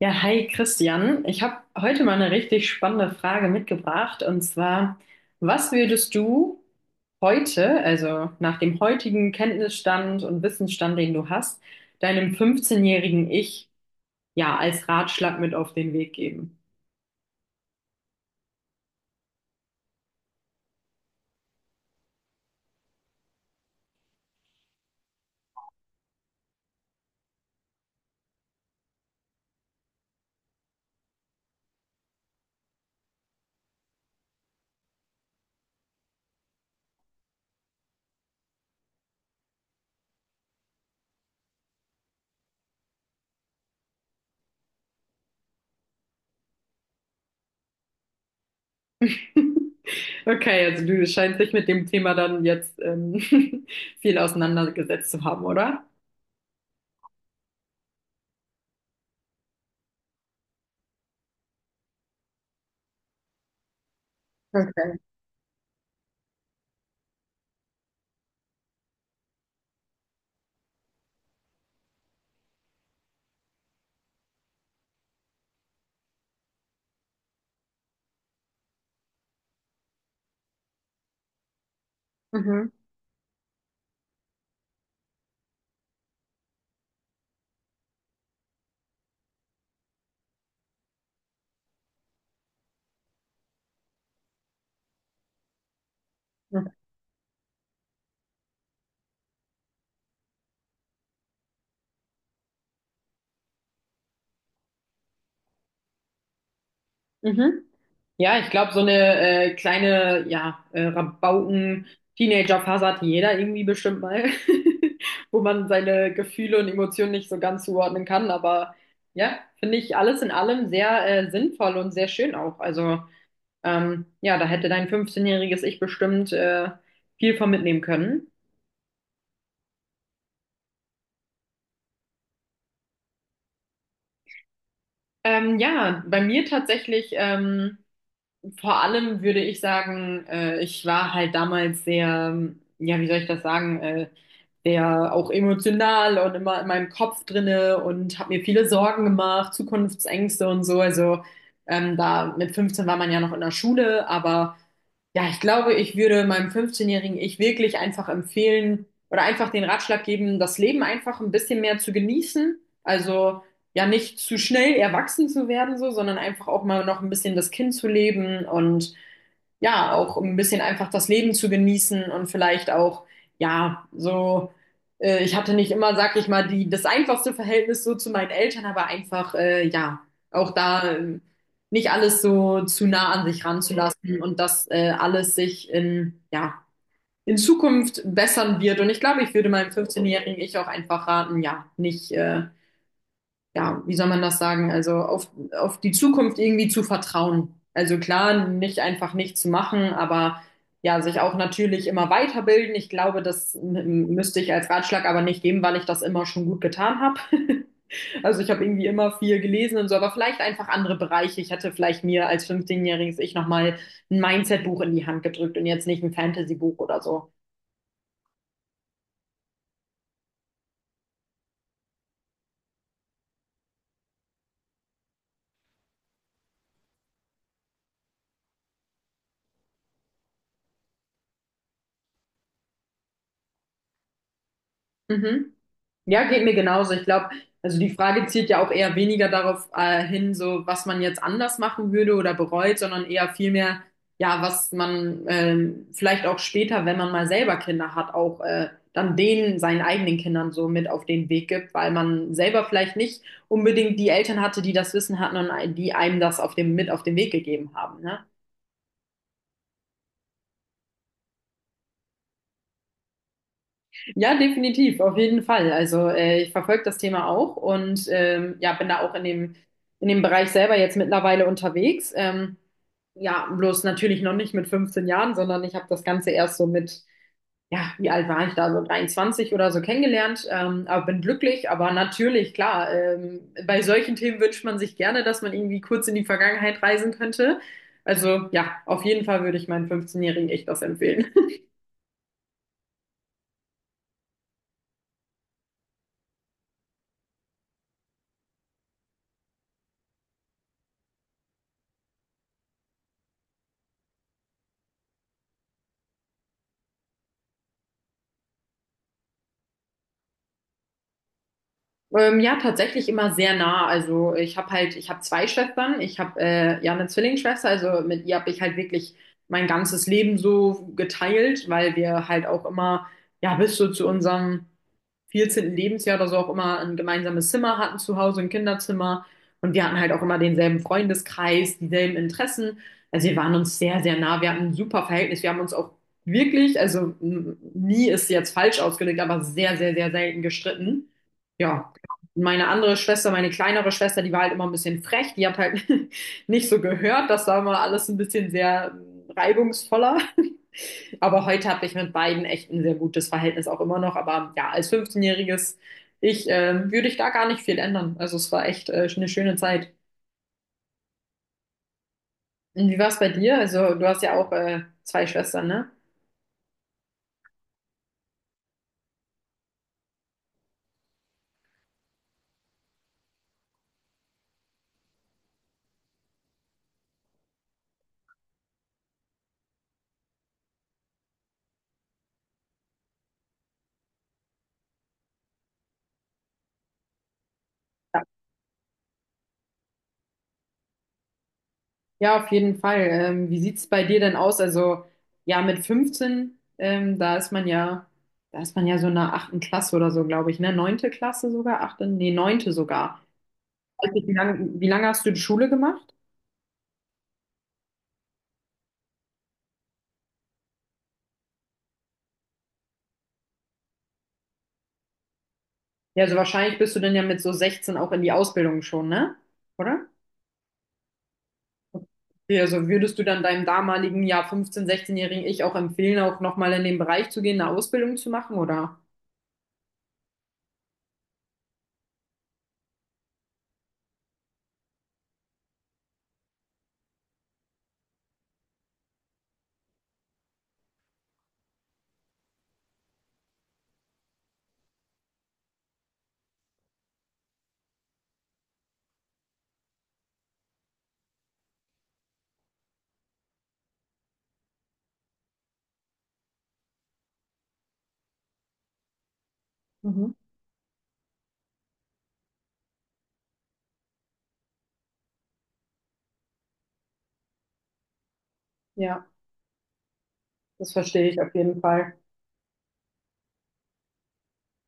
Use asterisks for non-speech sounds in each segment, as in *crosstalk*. Ja, hi Christian. Ich habe heute mal eine richtig spannende Frage mitgebracht, und zwar, was würdest du heute, also nach dem heutigen Kenntnisstand und Wissensstand, den du hast, deinem 15-jährigen Ich ja als Ratschlag mit auf den Weg geben? *laughs* Okay, also du scheinst dich mit dem Thema dann jetzt *laughs* viel auseinandergesetzt zu haben, oder? Okay. Mhm. Mhm. Ja, ich glaube, so eine kleine, ja, Rabauken-Teenager-Phase hat jeder irgendwie bestimmt mal, *laughs* wo man seine Gefühle und Emotionen nicht so ganz zuordnen kann. Aber ja, finde ich alles in allem sehr sinnvoll und sehr schön auch. Also ja, da hätte dein 15-jähriges Ich bestimmt viel von mitnehmen können. Ja, bei mir tatsächlich, vor allem würde ich sagen, ich war halt damals sehr, ja, wie soll ich das sagen, sehr auch emotional und immer in meinem Kopf drinne und habe mir viele Sorgen gemacht, Zukunftsängste und so. Also da mit 15 war man ja noch in der Schule, aber ja, ich glaube, ich würde meinem 15-jährigen Ich wirklich einfach empfehlen oder einfach den Ratschlag geben, das Leben einfach ein bisschen mehr zu genießen. Also ja, nicht zu schnell erwachsen zu werden so, sondern einfach auch mal noch ein bisschen das Kind zu leben, und ja, auch um ein bisschen einfach das Leben zu genießen und vielleicht auch, ja, so, ich hatte nicht immer, sag ich mal, die, das einfachste Verhältnis so zu meinen Eltern, aber einfach, ja, auch da nicht alles so zu nah an sich ranzulassen, und dass alles sich in, ja, in Zukunft bessern wird. Und ich glaube, ich würde meinem 15-jährigen Ich auch einfach raten, ja, nicht, ja, wie soll man das sagen? Also auf die Zukunft irgendwie zu vertrauen. Also klar, nicht einfach nichts zu machen, aber ja, sich auch natürlich immer weiterbilden. Ich glaube, das müsste ich als Ratschlag aber nicht geben, weil ich das immer schon gut getan habe. Also ich habe irgendwie immer viel gelesen und so, aber vielleicht einfach andere Bereiche. Ich hätte vielleicht mir als fünfzehnjähriges jähriges Ich nochmal ein Mindset-Buch in die Hand gedrückt und jetzt nicht ein Fantasy-Buch oder so. Mhm. Ja, geht mir genauso. Ich glaube, also die Frage zielt ja auch eher weniger darauf hin, so was man jetzt anders machen würde oder bereut, sondern eher vielmehr, ja, was man vielleicht auch später, wenn man mal selber Kinder hat, auch dann denen, seinen eigenen Kindern so mit auf den Weg gibt, weil man selber vielleicht nicht unbedingt die Eltern hatte, die das Wissen hatten und die einem das auf dem, mit auf den Weg gegeben haben, ne? Ja, definitiv, auf jeden Fall. Also ich verfolge das Thema auch, und ja, bin da auch in dem Bereich selber jetzt mittlerweile unterwegs. Ja, bloß natürlich noch nicht mit 15 Jahren, sondern ich habe das Ganze erst so mit, ja, wie alt war ich da, so 23 oder so kennengelernt. Aber bin glücklich, aber natürlich, klar, bei solchen Themen wünscht man sich gerne, dass man irgendwie kurz in die Vergangenheit reisen könnte. Also ja, auf jeden Fall würde ich meinen 15-Jährigen echt das empfehlen. Ja, tatsächlich immer sehr nah. Also ich habe halt, ich habe zwei Schwestern. Ich habe ja eine Zwillingsschwester. Also mit ihr habe ich halt wirklich mein ganzes Leben so geteilt, weil wir halt auch immer, ja, bis so zu unserem 14. Lebensjahr oder so auch immer ein gemeinsames Zimmer hatten zu Hause, ein Kinderzimmer. Und wir hatten halt auch immer denselben Freundeskreis, dieselben Interessen. Also wir waren uns sehr, sehr nah. Wir hatten ein super Verhältnis. Wir haben uns auch wirklich, also nie ist jetzt falsch ausgedrückt, aber sehr, sehr, sehr selten gestritten. Ja. Meine andere Schwester, meine kleinere Schwester, die war halt immer ein bisschen frech. Die hat halt *laughs* nicht so gehört. Das war immer alles ein bisschen sehr reibungsvoller. Aber heute habe ich mit beiden echt ein sehr gutes Verhältnis auch immer noch. Aber ja, als 15-jähriges Ich würde ich da gar nicht viel ändern. Also es war echt eine schöne Zeit. Und wie war es bei dir? Also du hast ja auch zwei Schwestern, ne? Ja, Ja, auf jeden Fall. Wie sieht es bei dir denn aus? Also ja, mit 15, da ist man ja so in der achten Klasse oder so, glaube ich, ne? Neunte Klasse sogar, achte, nee, neunte sogar. Weiß nicht, wie lange hast du die Schule gemacht? Ja, also wahrscheinlich bist du dann ja mit so 16 auch in die Ausbildung schon, ne? Oder? Okay, also würdest du dann deinem damaligen, ja, 15-, 16-jährigen Ich auch empfehlen, auch nochmal in den Bereich zu gehen, eine Ausbildung zu machen, oder? Mhm. Ja, das verstehe ich auf jeden Fall.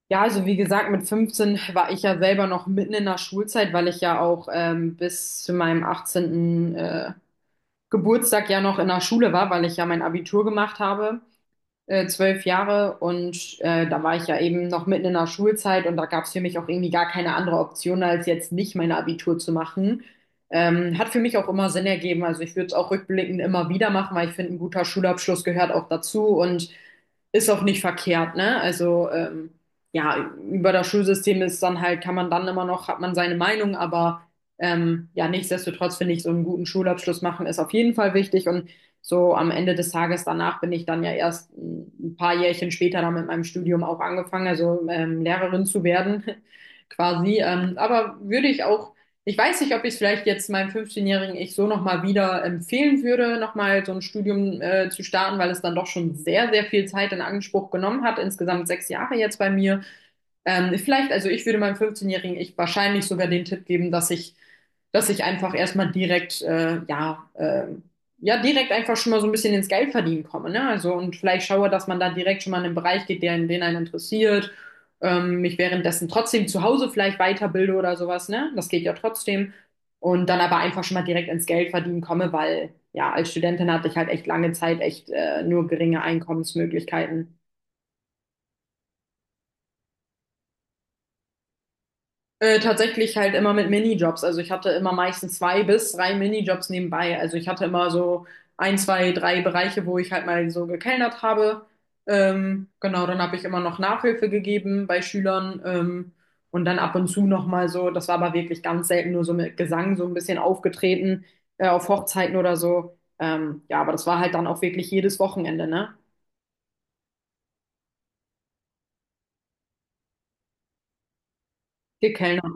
Ja, also wie gesagt, mit 15 war ich ja selber noch mitten in der Schulzeit, weil ich ja auch bis zu meinem 18. Geburtstag ja noch in der Schule war, weil ich ja mein Abitur gemacht habe. 12 Jahre, und da war ich ja eben noch mitten in der Schulzeit, und da gab es für mich auch irgendwie gar keine andere Option, als jetzt nicht mein Abitur zu machen. Hat für mich auch immer Sinn ergeben. Also ich würde es auch rückblickend immer wieder machen, weil ich finde, ein guter Schulabschluss gehört auch dazu und ist auch nicht verkehrt, ne? Also ja, über das Schulsystem ist dann halt, kann man dann immer noch, hat man seine Meinung, aber ja, nichtsdestotrotz finde ich, so einen guten Schulabschluss machen ist auf jeden Fall wichtig, und so am Ende des Tages danach bin ich dann ja erst ein paar Jährchen später dann mit meinem Studium auch angefangen, also Lehrerin zu werden *laughs* quasi. Aber würde ich auch, ich weiß nicht, ob ich es vielleicht jetzt meinem fünfzehnjährigen Ich so nochmal wieder empfehlen würde, nochmal so ein Studium zu starten, weil es dann doch schon sehr, sehr viel Zeit in Anspruch genommen hat. Insgesamt 6 Jahre jetzt bei mir. Vielleicht, also ich würde meinem 15-jährigen Ich wahrscheinlich sogar den Tipp geben, dass ich einfach erstmal direkt, ja, ja, direkt einfach schon mal so ein bisschen ins Geld verdienen komme, ne? Also und vielleicht schaue, dass man da direkt schon mal in einen Bereich geht, der in den einen interessiert, mich währenddessen trotzdem zu Hause vielleicht weiterbilde oder sowas, ne? Das geht ja trotzdem. Und dann aber einfach schon mal direkt ins Geld verdienen komme, weil ja, als Studentin hatte ich halt echt lange Zeit echt nur geringe Einkommensmöglichkeiten. Tatsächlich halt immer mit Minijobs. Also ich hatte immer meistens zwei bis drei Minijobs nebenbei. Also ich hatte immer so ein, zwei, drei Bereiche, wo ich halt mal so gekellnert habe. Genau, dann habe ich immer noch Nachhilfe gegeben bei Schülern. Und dann ab und zu nochmal so, das war aber wirklich ganz selten, nur so mit Gesang so ein bisschen aufgetreten, auf Hochzeiten oder so. Ja, aber das war halt dann auch wirklich jedes Wochenende, ne? Gekellnert.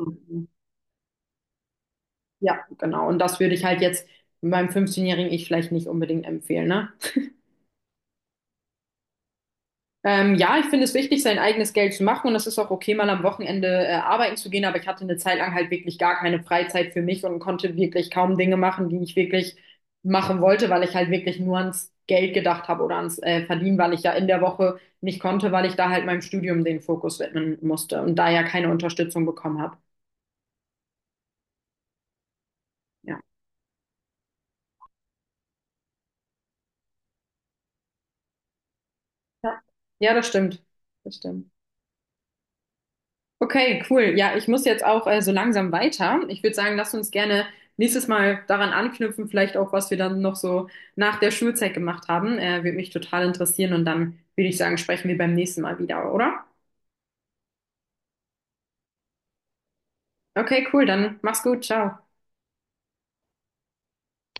Ja, genau. Und das würde ich halt jetzt meinem 15-jährigen Ich vielleicht nicht unbedingt empfehlen, ne? Ja, ich finde es wichtig, sein eigenes Geld zu machen, und es ist auch okay, mal am Wochenende arbeiten zu gehen, aber ich hatte eine Zeit lang halt wirklich gar keine Freizeit für mich und konnte wirklich kaum Dinge machen, die ich wirklich machen wollte, weil ich halt wirklich nur ans Geld gedacht habe oder ans Verdienen, weil ich ja in der Woche nicht konnte, weil ich da halt meinem Studium den Fokus widmen musste und da ja keine Unterstützung bekommen habe. Ja. Ja, Ja, das stimmt. Das stimmt. Okay, cool. Ja, ich muss jetzt auch so langsam weiter. Ich würde sagen, lass uns gerne nächstes Mal daran anknüpfen, vielleicht auch, was wir dann noch so nach der Schulzeit gemacht haben. Würde mich total interessieren, und dann würde ich sagen, sprechen wir beim nächsten Mal wieder, oder? Okay, cool. Dann mach's gut. Ciao.